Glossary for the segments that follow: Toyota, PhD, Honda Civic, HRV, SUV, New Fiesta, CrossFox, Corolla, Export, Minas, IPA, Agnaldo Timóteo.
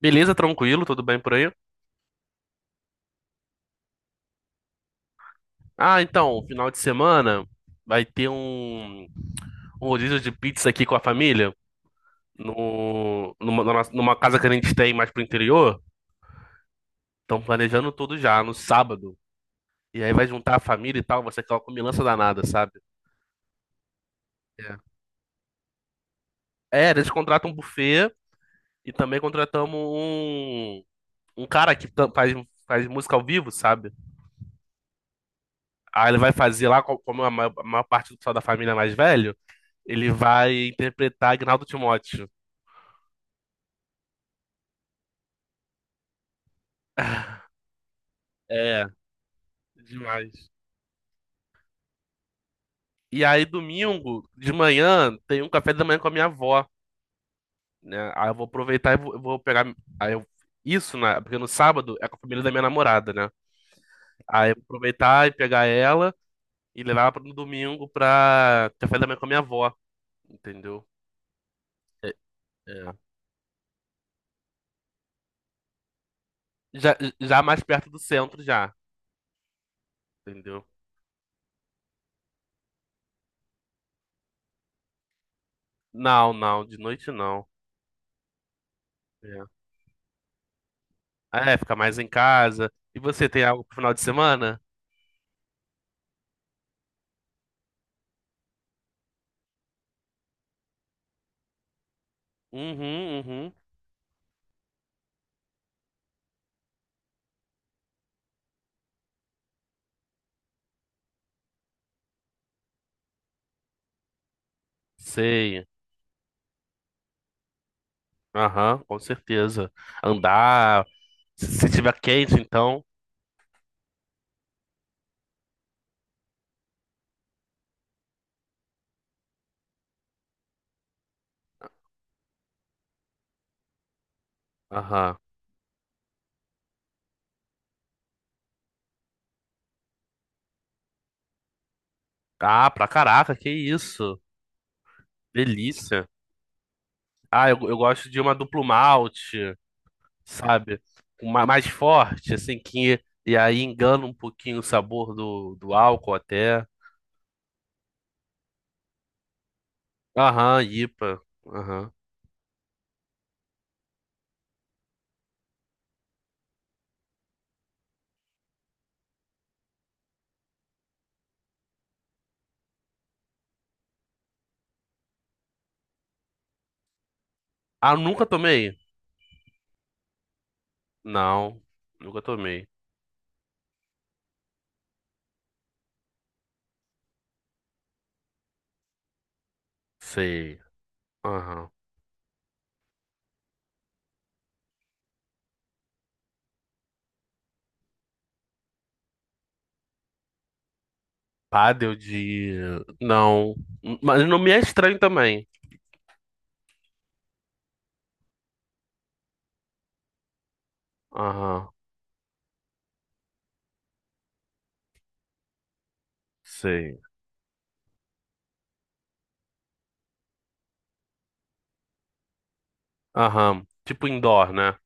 Beleza, tranquilo, tudo bem por aí? Ah, então, final de semana vai ter um rodízio de pizza aqui com a família, no, numa, na numa casa que a gente tem mais pro interior. Estão planejando tudo já, no sábado. E aí vai juntar a família e tal, vai ser aquela comilança danada, sabe? É, é, eles contratam um buffet e também contratamos um cara que faz música ao vivo, sabe? Aí ele vai fazer lá, como a maior parte do pessoal da família é mais velho, ele vai interpretar Agnaldo Timóteo. É. Demais. E aí, domingo de manhã, tem um café da manhã com a minha avó, né? Aí eu vou aproveitar e eu vou pegar. Aí eu, isso, né? Porque no sábado é com a família da minha namorada, né? Aí eu vou aproveitar e pegar ela e levar ela no domingo pra café da manhã com a minha avó, entendeu? É, é. Já, já mais perto do centro, já, entendeu? Não, não, de noite não. É, ah, é ficar mais em casa. E você tem algo pro final de semana? Uhum, uhum. Sei. Aham, com certeza. Andar, se tiver quente, então. Aham. Ah, pra caraca, que isso. Delícia. Ah, eu gosto de uma duplo malte, sabe? Uma mais forte, assim, que. E aí engana um pouquinho o sabor do, do álcool até. Aham, IPA. Aham. Ah, nunca tomei? Não, nunca tomei. Sei. Aham. Pádel de. Não. Mas não me é estranho também. Aham, sei. Aham. Tipo indoor, né?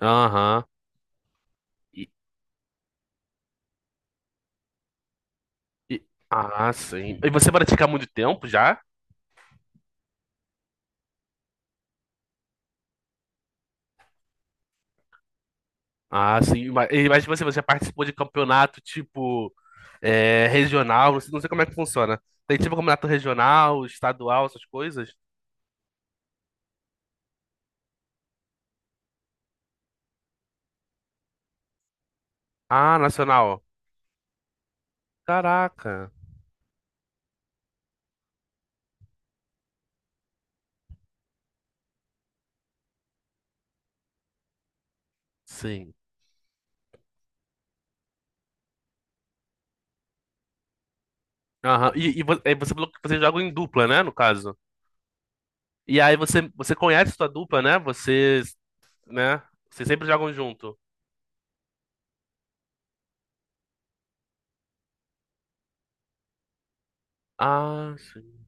Aham. E, e- Ah, sim. E você pratica há muito tempo já? Ah, sim. Mas, mas você participou de campeonato tipo é, regional? Não sei, não sei como é que funciona. Tem tipo campeonato regional, estadual, essas coisas? Ah, nacional. Caraca. Sim. Aham. E, e você falou que você joga em dupla, né? No caso. E aí você conhece sua dupla, né? Vocês, né? Vocês sempre jogam junto. Ah, sim.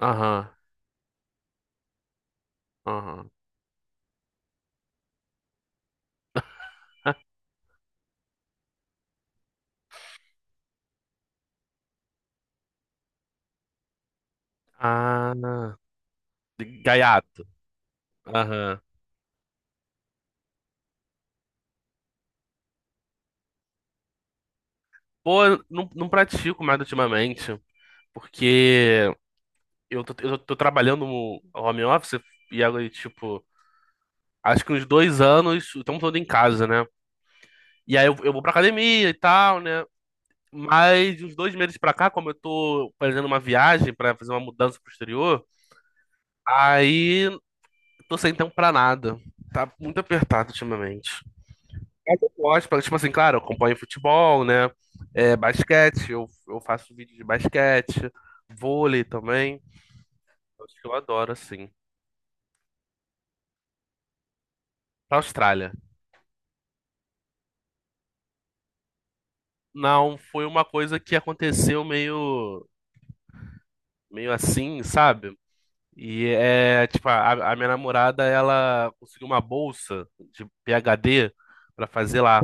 Aham. Aham. Ah, gaiato. Aham. Pô, eu não, não pratico mais ultimamente, porque eu tô trabalhando no home office e agora, tipo, acho que uns dois anos, o tempo todo em casa, né? E aí eu vou pra academia e tal, né? Mas de uns dois meses pra cá, como eu tô fazendo uma viagem pra fazer uma mudança pro exterior, aí tô sem tempo pra nada. Tá muito apertado ultimamente. Mas eu gosto, porque, tipo assim, claro, eu acompanho futebol, né? É, basquete, eu faço vídeo de basquete, vôlei também. Acho que eu adoro, assim. Pra Austrália. Não, foi uma coisa que aconteceu meio, meio assim, sabe? E é, tipo, a minha namorada, ela conseguiu uma bolsa de PhD pra fazer lá.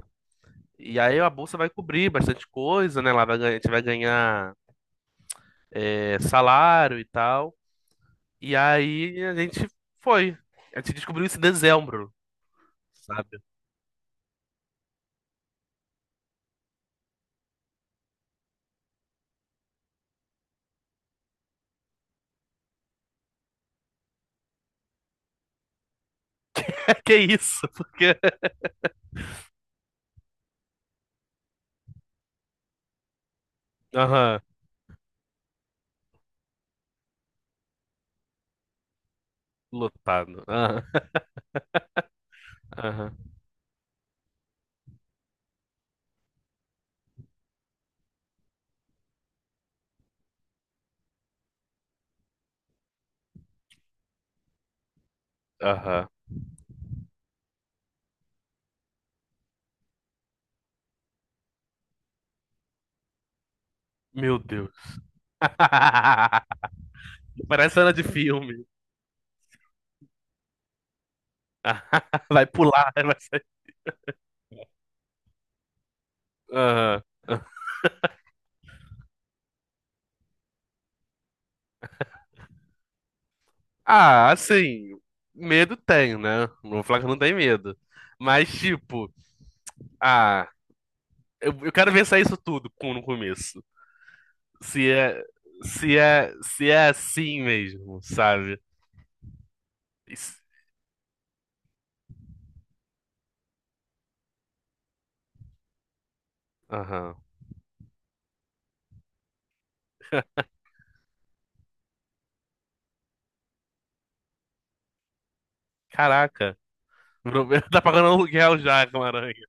E aí a bolsa vai cobrir bastante coisa, né? Ela vai ganhar, a gente vai ganhar, é, salário e tal. E aí a gente foi. A gente descobriu isso em dezembro, sabe? Que isso? Porque. Aham, lotado. Aham, aham, aham. Meu Deus. Parece cena de filme. Vai pular, vai sair. Aham. Ah, assim, medo tem, né? Não vou falar que não tem medo. Mas, tipo, ah, eu quero ver sair isso tudo no começo. Se é, se é assim mesmo, sabe? Isso- aham. Caraca. Tá pagando aluguel já, Homem-Aranha.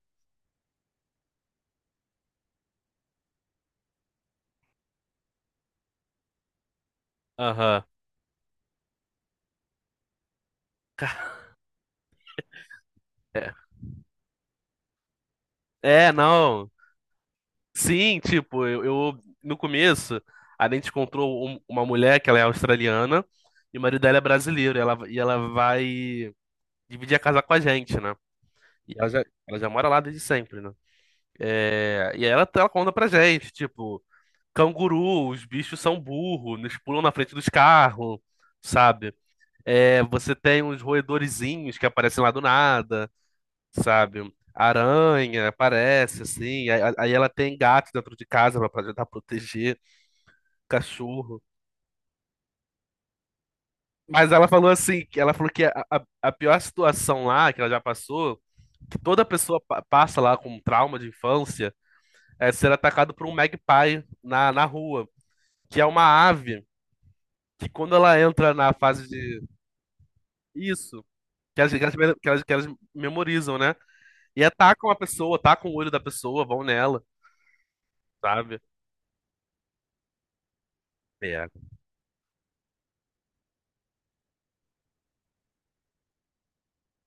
Aham. Ca- É, é, não. Sim, tipo, no começo, a gente encontrou uma mulher que ela é australiana e o marido dela é brasileiro. E ela vai dividir a casa com a gente, né? E ela já mora lá desde sempre, né? É, e aí ela conta pra gente, tipo, canguru, os bichos são burros, eles pulam na frente dos carros, sabe? É, você tem uns roedorzinhos que aparecem lá do nada. Sabe? Aranha aparece, assim. Aí ela tem gato dentro de casa pra tentar proteger, cachorro. Mas ela falou assim, que ela falou que a pior situação lá que ela já passou, que toda pessoa passa lá com trauma de infância, é ser atacado por um magpie na rua, que é uma ave que quando ela entra na fase de isso, que elas, que elas, que elas memorizam, né? E atacam a pessoa, atacam o olho da pessoa, vão nela, sabe? É,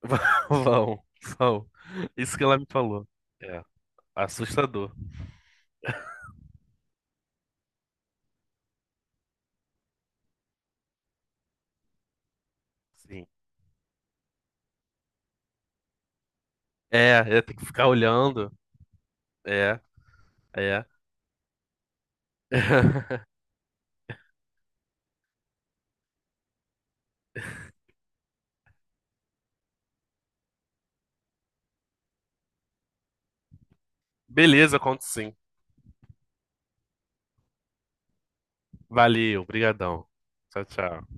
vão, vão. Isso que ela me falou. É, assustador. Sim. É, é, tem que ficar olhando. É, é. Beleza, conto sim. Valeu, brigadão. Tchau, tchau.